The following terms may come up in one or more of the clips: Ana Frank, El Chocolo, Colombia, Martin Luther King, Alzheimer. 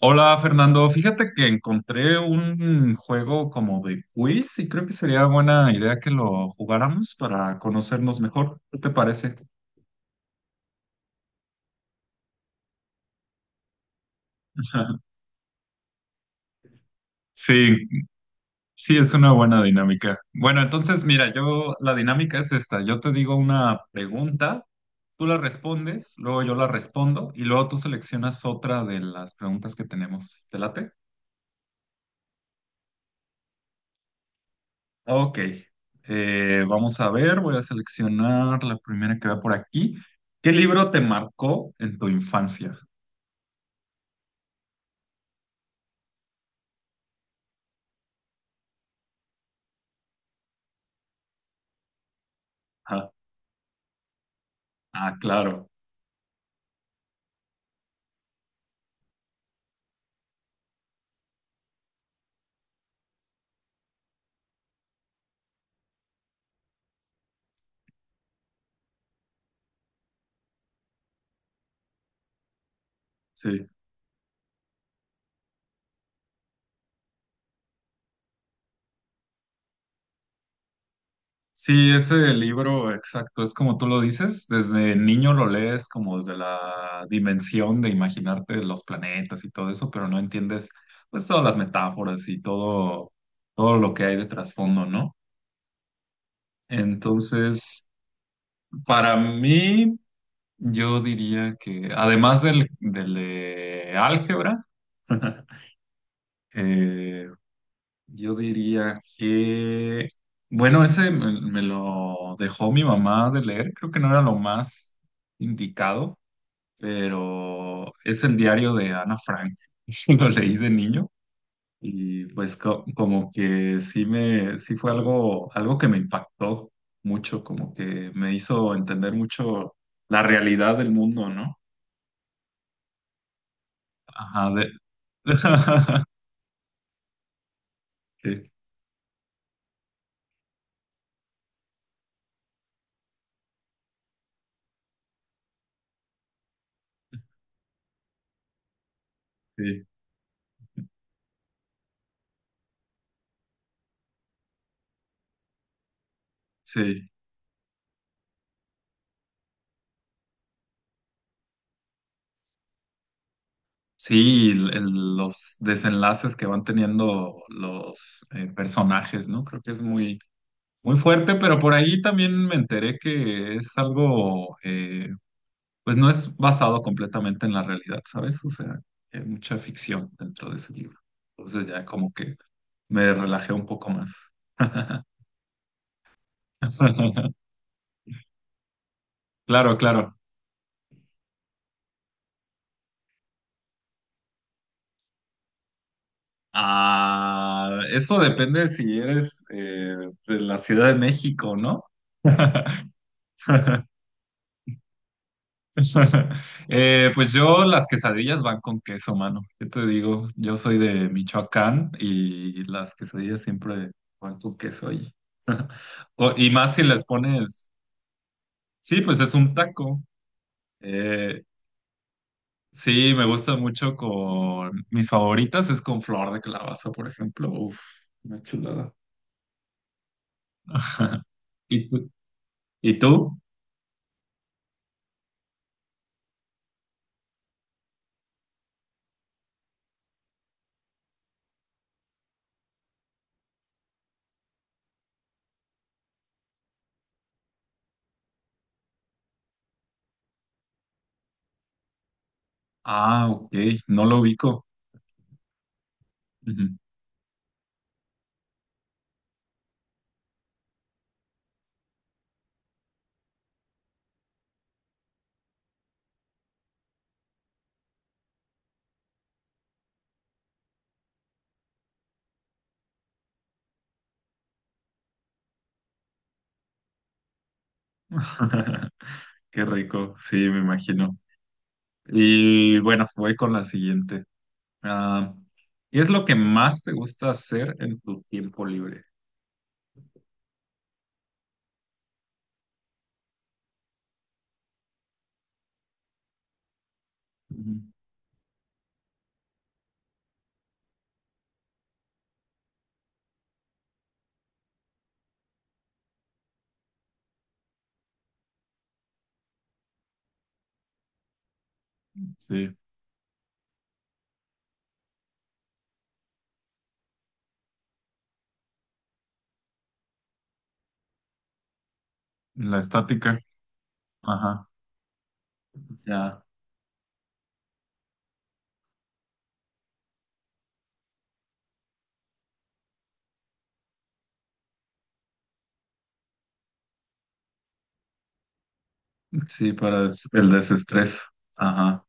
Hola Fernando, fíjate que encontré un juego como de quiz y creo que sería buena idea que lo jugáramos para conocernos mejor. ¿Qué te parece? Sí, sí, es una buena dinámica. Bueno, entonces mira, yo la dinámica es esta. Yo te digo una pregunta, tú la respondes, luego yo la respondo y luego tú seleccionas otra de las preguntas que tenemos. ¿Te late? Ok, vamos a ver, voy a seleccionar la primera que va por aquí. ¿Qué libro te marcó en tu infancia? Ah, ah, claro, sí. Sí, ese libro, exacto, es como tú lo dices, desde niño lo lees como desde la dimensión de imaginarte los planetas y todo eso, pero no entiendes pues todas las metáforas y todo, todo lo que hay de trasfondo, ¿no? Entonces, para mí... Yo diría que, además del de álgebra, eh, yo diría que, bueno, ese me lo dejó mi mamá de leer, creo que no era lo más indicado, pero es el diario de Ana Frank. Lo leí de niño y pues como que sí fue algo, algo que me impactó mucho, como que me hizo entender mucho la realidad del mundo, ¿no? Ajá, de... Sí, sí, sí. Sí, los desenlaces que van teniendo los personajes, ¿no? Creo que es muy, muy fuerte, pero por ahí también me enteré que es algo, pues no es basado completamente en la realidad, ¿sabes? O sea, hay mucha ficción dentro de ese libro. Entonces ya como que me relajé un poco más. Claro, claro. Ah, eso depende si eres de la Ciudad de México, ¿no? Pues yo las quesadillas van con queso, mano. ¿Qué te digo? Yo soy de Michoacán y las quesadillas siempre van con queso ahí. Y más si les pones, sí, pues es un taco. Eh, sí, me gusta mucho con mis favoritas es con flor de calabaza, por ejemplo. Uf, una chulada. ¿Y tú? ¿Y tú? Ah, ok, no lo ubico. Ujú. Qué rico, sí, me imagino. Y bueno, voy con la siguiente. Ah, ¿qué es lo que más te gusta hacer en tu tiempo libre? Ujú. Sí, la estática. Ajá, ya. Sí, el desestrés. Ajá.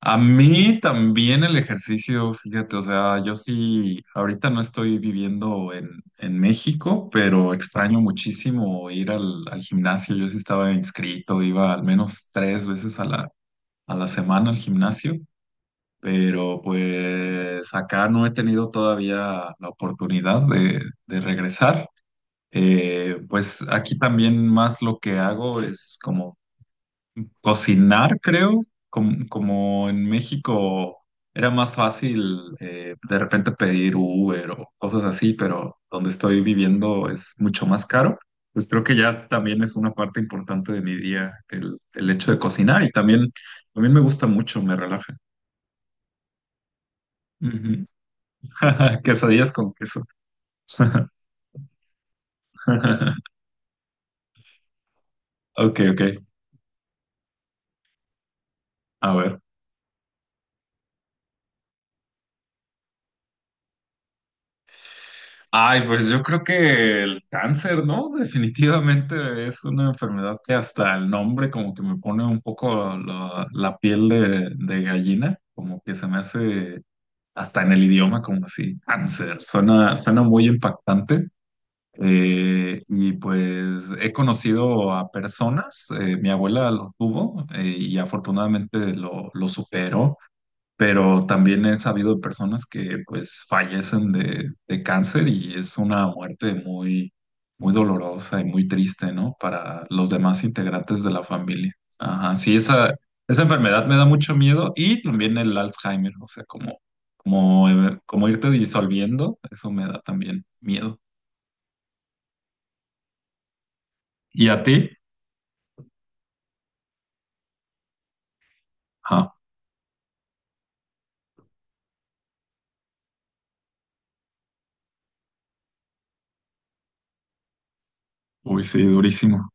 A mí también el ejercicio, fíjate, o sea, yo sí, ahorita no estoy viviendo en México, pero extraño muchísimo ir al gimnasio. Yo sí estaba inscrito, iba al menos tres veces a la semana al gimnasio, pero pues acá no he tenido todavía la oportunidad de regresar. Pues aquí también más lo que hago es como cocinar, creo, como en México era más fácil de repente pedir Uber o cosas así, pero donde estoy viviendo es mucho más caro. Pues creo que ya también es una parte importante de mi día el hecho de cocinar y también, también me gusta mucho, me relaja. Ujú. Quesadillas con queso. Ok, ok. A ver. Ay, pues yo creo que el cáncer, ¿no? Definitivamente es una enfermedad que hasta el nombre como que me pone un poco la piel de gallina, como que se me hace hasta en el idioma como así, cáncer, suena, suena muy impactante. Y pues he conocido a personas, mi abuela lo tuvo y afortunadamente lo superó, pero también he sabido de personas que pues fallecen de cáncer y es una muerte muy, muy dolorosa y muy triste, ¿no? Para los demás integrantes de la familia. Ajá, sí, esa enfermedad me da mucho miedo y también el Alzheimer, o sea, como, como, como irte disolviendo, eso me da también miedo. ¿Y a ti? Ajá, uy, sí, durísimo.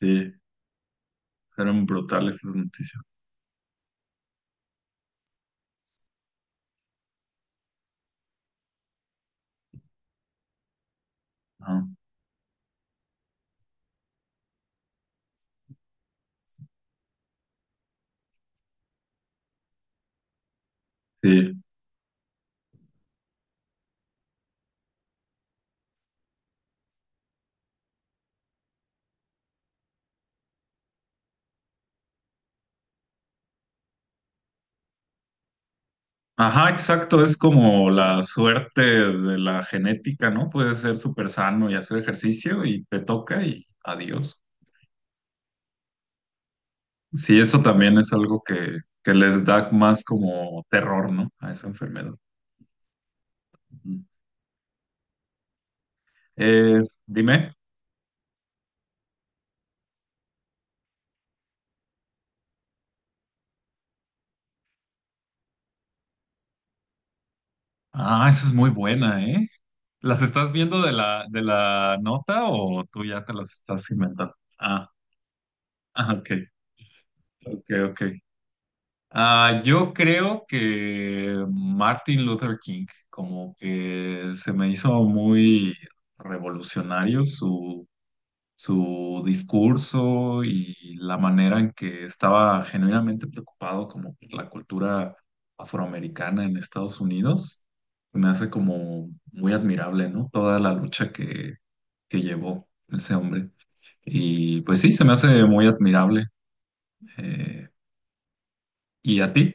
Sí, fueron brutales esas noticias. Ajá, sí. Ajá, exacto, es como la suerte de la genética, ¿no? Puedes ser súper sano y hacer ejercicio y te toca y adiós. Sí, eso también es algo que les da más como terror, ¿no? A esa enfermedad. Ujú. Eh, dime. Ah, esa es muy buena, ¿eh? ¿Las estás viendo de la nota o tú ya te las estás inventando? Ah, ah, ok, ok, ok. Ah, yo creo que Martin Luther King, como que se me hizo muy revolucionario su, su discurso y la manera en que estaba genuinamente preocupado como por la cultura afroamericana en Estados Unidos. Me hace como muy admirable, ¿no? Toda la lucha que llevó ese hombre. Y pues sí, se me hace muy admirable. Eh, ¿Y a ti?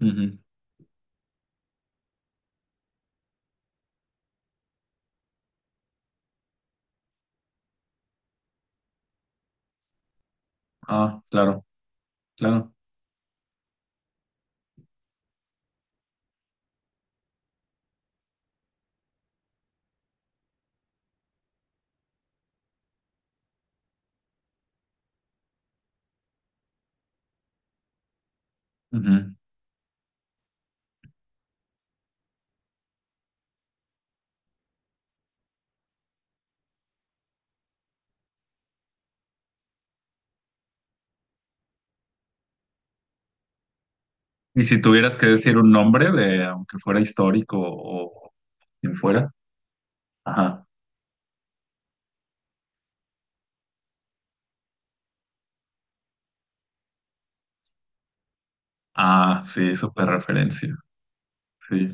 Ujú. Ah, claro. Claro. Ujú. Y si tuvieras que decir un nombre de, aunque fuera histórico o quien fuera. Ajá. Ah, sí, súper referencia. Sí,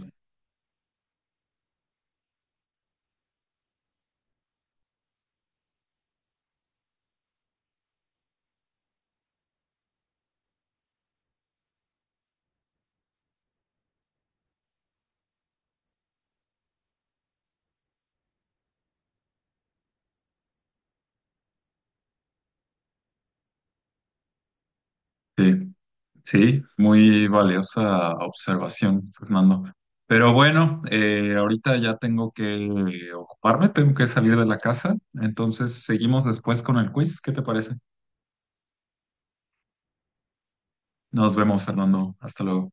sí. Sí, muy valiosa observación, Fernando. Pero bueno, ahorita ya tengo que ocuparme, tengo que salir de la casa. Entonces seguimos después con el quiz. ¿Qué te parece? Nos vemos, Fernando. Hasta luego.